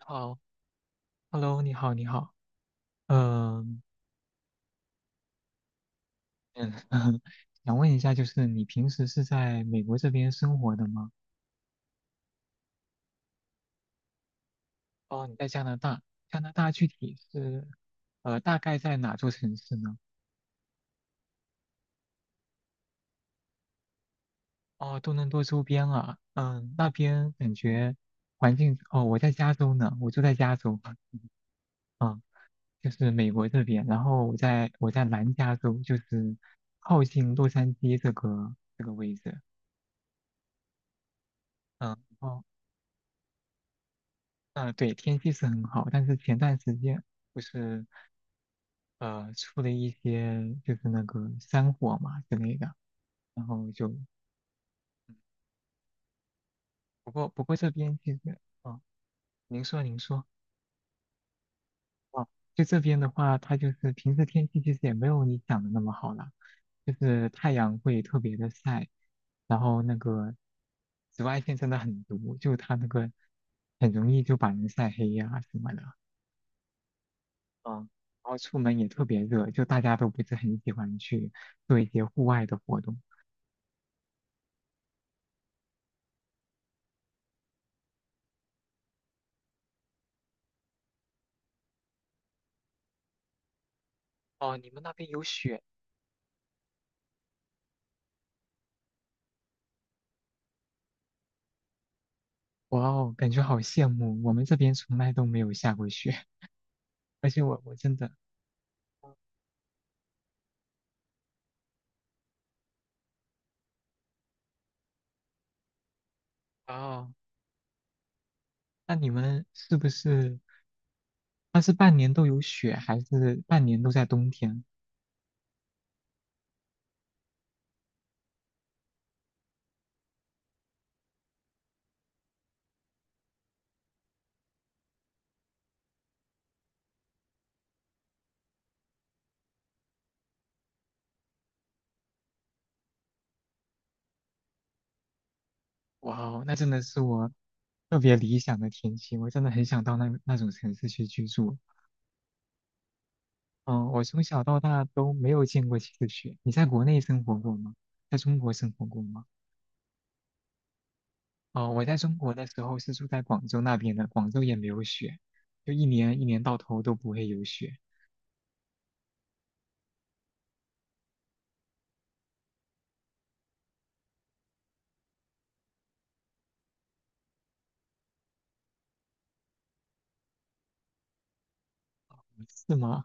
好，Hello，你好，你好，嗯嗯，想问一下，就是你平时是在美国这边生活的吗？哦，你在加拿大，加拿大具体是，大概在哪座城市呢？哦，多伦多周边啊，嗯，那边感觉环境，哦，我在加州呢，我住在加州，嗯，就是美国这边，然后我在南加州，就是靠近洛杉矶这个位置，嗯。哦嗯，对，天气是很好，但是前段时间不是出了一些就是那个山火嘛之类的，然后就嗯不过这边其实哦，您说。哦，就这边的话，它就是平时天气其实也没有你想的那么好了，就是太阳会特别的晒，然后那个紫外线真的很毒，就它那个很容易就把人晒黑呀、什么的，嗯，然后出门也特别热，就大家都不是很喜欢去做一些户外的活动。哦，你们那边有雪，哇哦，感觉好羡慕，我们这边从来都没有下过雪，而且我真的，哦，那你们是不是，那是半年都有雪，还是半年都在冬天？哇哦，那真的是我特别理想的天气，我真的很想到那种城市去居住。嗯，我从小到大都没有见过几次雪，你在国内生活过吗？在中国生活过吗？哦，我在中国的时候是住在广州那边的，广州也没有雪，就一年一年到头都不会有雪，是吗？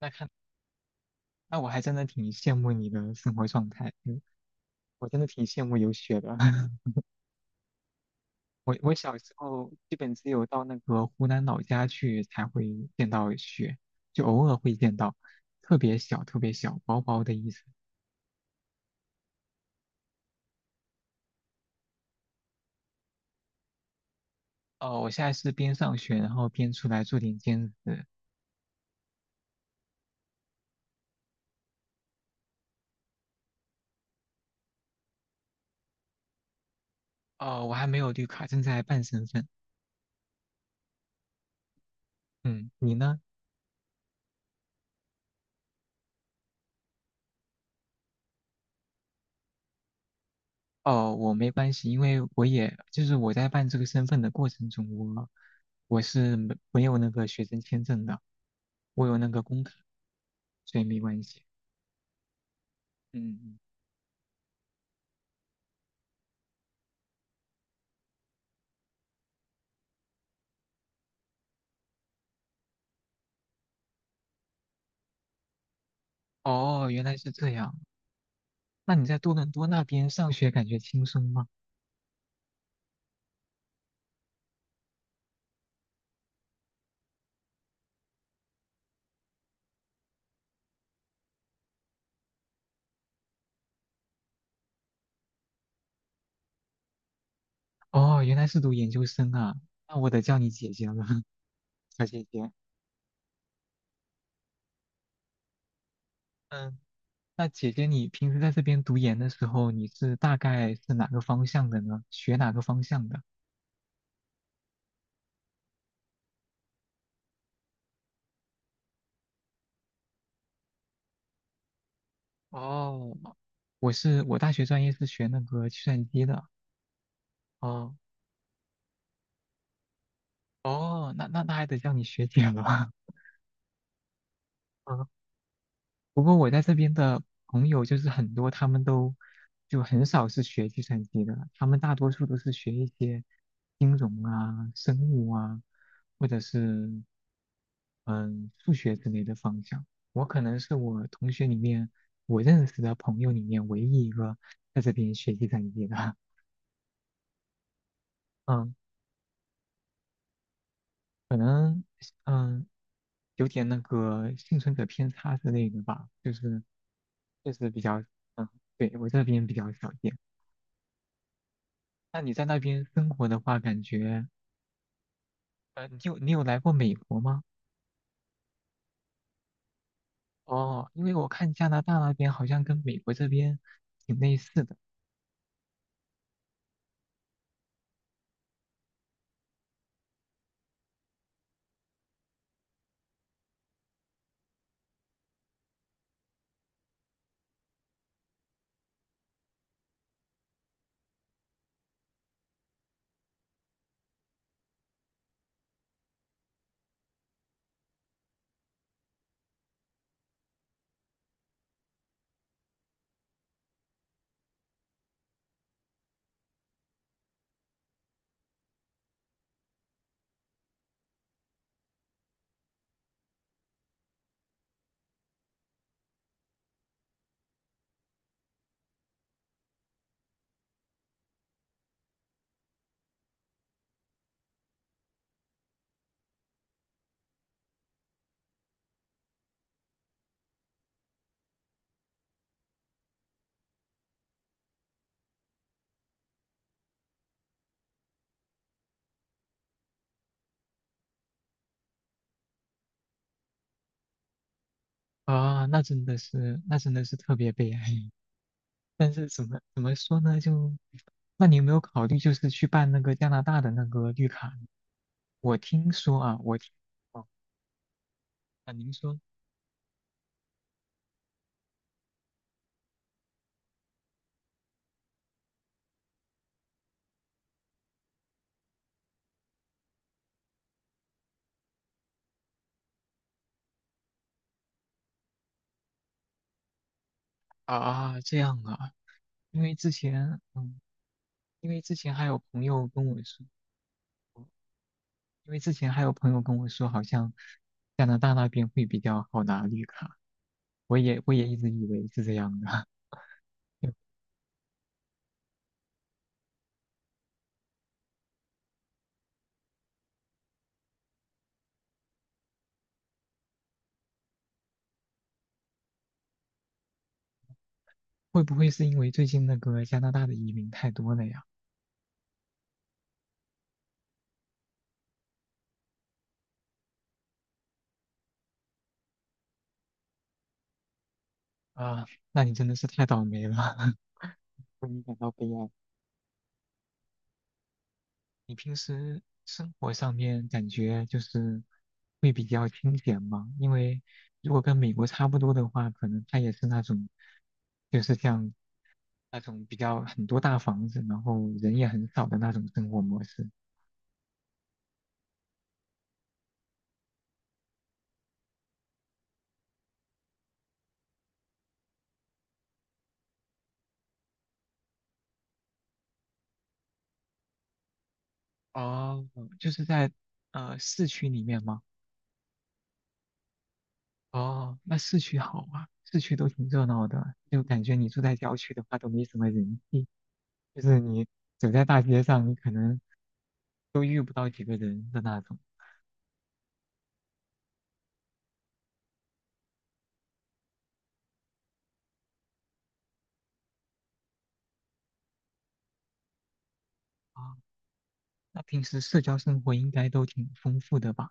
那看，那我还真的挺羡慕你的生活状态，嗯，我真的挺羡慕有雪的。我小时候基本只有到那个湖南老家去才会见到雪，就偶尔会见到，特别小，特别小，薄薄的一层。哦，我现在是边上学，然后边出来做点兼职。哦，我还没有绿卡，正在办身份。嗯，你呢？哦，我没关系，因为我也就是我在办这个身份的过程中，我我是没有那个学生签证的，我有那个工卡，所以没关系。嗯，嗯哦，原来是这样。那你在多伦多那边上学感觉轻松吗？哦，原来是读研究生啊，那我得叫你姐姐了，小姐姐。嗯，那姐姐你平时在这边读研的时候，你是大概是哪个方向的呢？学哪个方向的？哦，我是我大学专业是学那个计算机的。哦哦，那那还得叫你学姐了。啊，不过我在这边的朋友就是很多，他们都就很少是学计算机的，他们大多数都是学一些金融啊、生物啊，或者是嗯数学之类的方向。我可能是我同学里面我认识的朋友里面唯一一个在这边学计算机的。嗯，可能嗯有点那个幸存者偏差之类的吧，就是确实比较，嗯，对，我这边比较少见。那你在那边生活的话，感觉，你有来过美国吗？哦，因为我看加拿大那边好像跟美国这边挺类似的啊，那真的是特别悲哀。但是怎么说呢？就，那你有没有考虑就是去办那个加拿大的那个绿卡呢？我听说啊，我听，哦，啊，您说。啊，这样啊，因为之前，嗯，因为之前还有朋友跟我说，因为之前还有朋友跟我说，好像加拿大那边会比较好拿绿卡，我也一直以为是这样的，会不会是因为最近那个加拿大的移民太多了呀？啊，那你真的是太倒霉了，为你感到悲哀。你平时生活上面感觉就是会比较清闲吗？因为如果跟美国差不多的话，可能他也是那种，就是像那种比较很多大房子，然后人也很少的那种生活模式。哦，就是在市区里面吗？哦，那市区好啊，市区都挺热闹的，就感觉你住在郊区的话都没什么人气，就是你走在大街上，你可能都遇不到几个人的那种。啊，那平时社交生活应该都挺丰富的吧？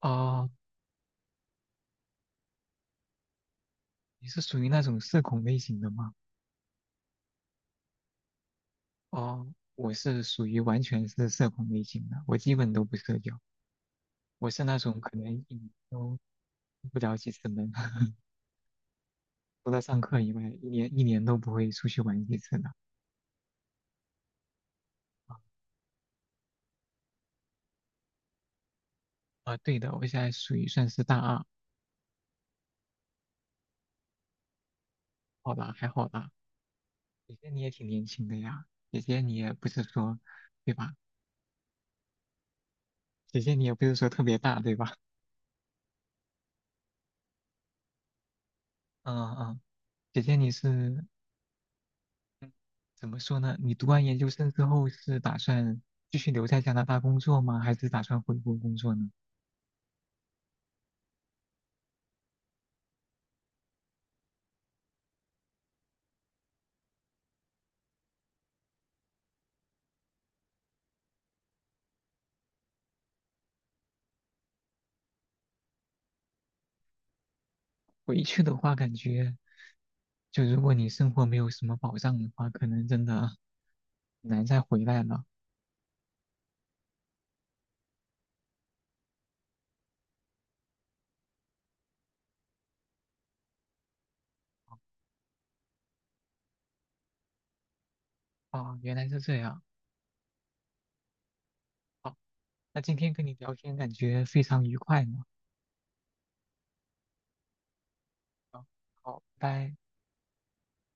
哦，你是属于那种社恐类型的吗？哦，我是属于完全是社恐类型的，我基本都不社交。我是那种可能一年都出不了几次门，除了上课以外，一年一年都不会出去玩几次的。啊啊对的，我现在属于算是大二，好吧，还好吧。姐姐你也挺年轻的呀，姐姐你也不是说，对吧？姐姐你也不是说特别大，对吧？嗯嗯，姐姐你是怎么说呢？你读完研究生之后是打算继续留在加拿大工作吗？还是打算回国工作呢？回去的话，感觉。就如果你生活没有什么保障的话，可能真的很难再回来了。哦，原来是这样。好，那今天跟你聊天感觉非常愉快呢。啊好，拜拜。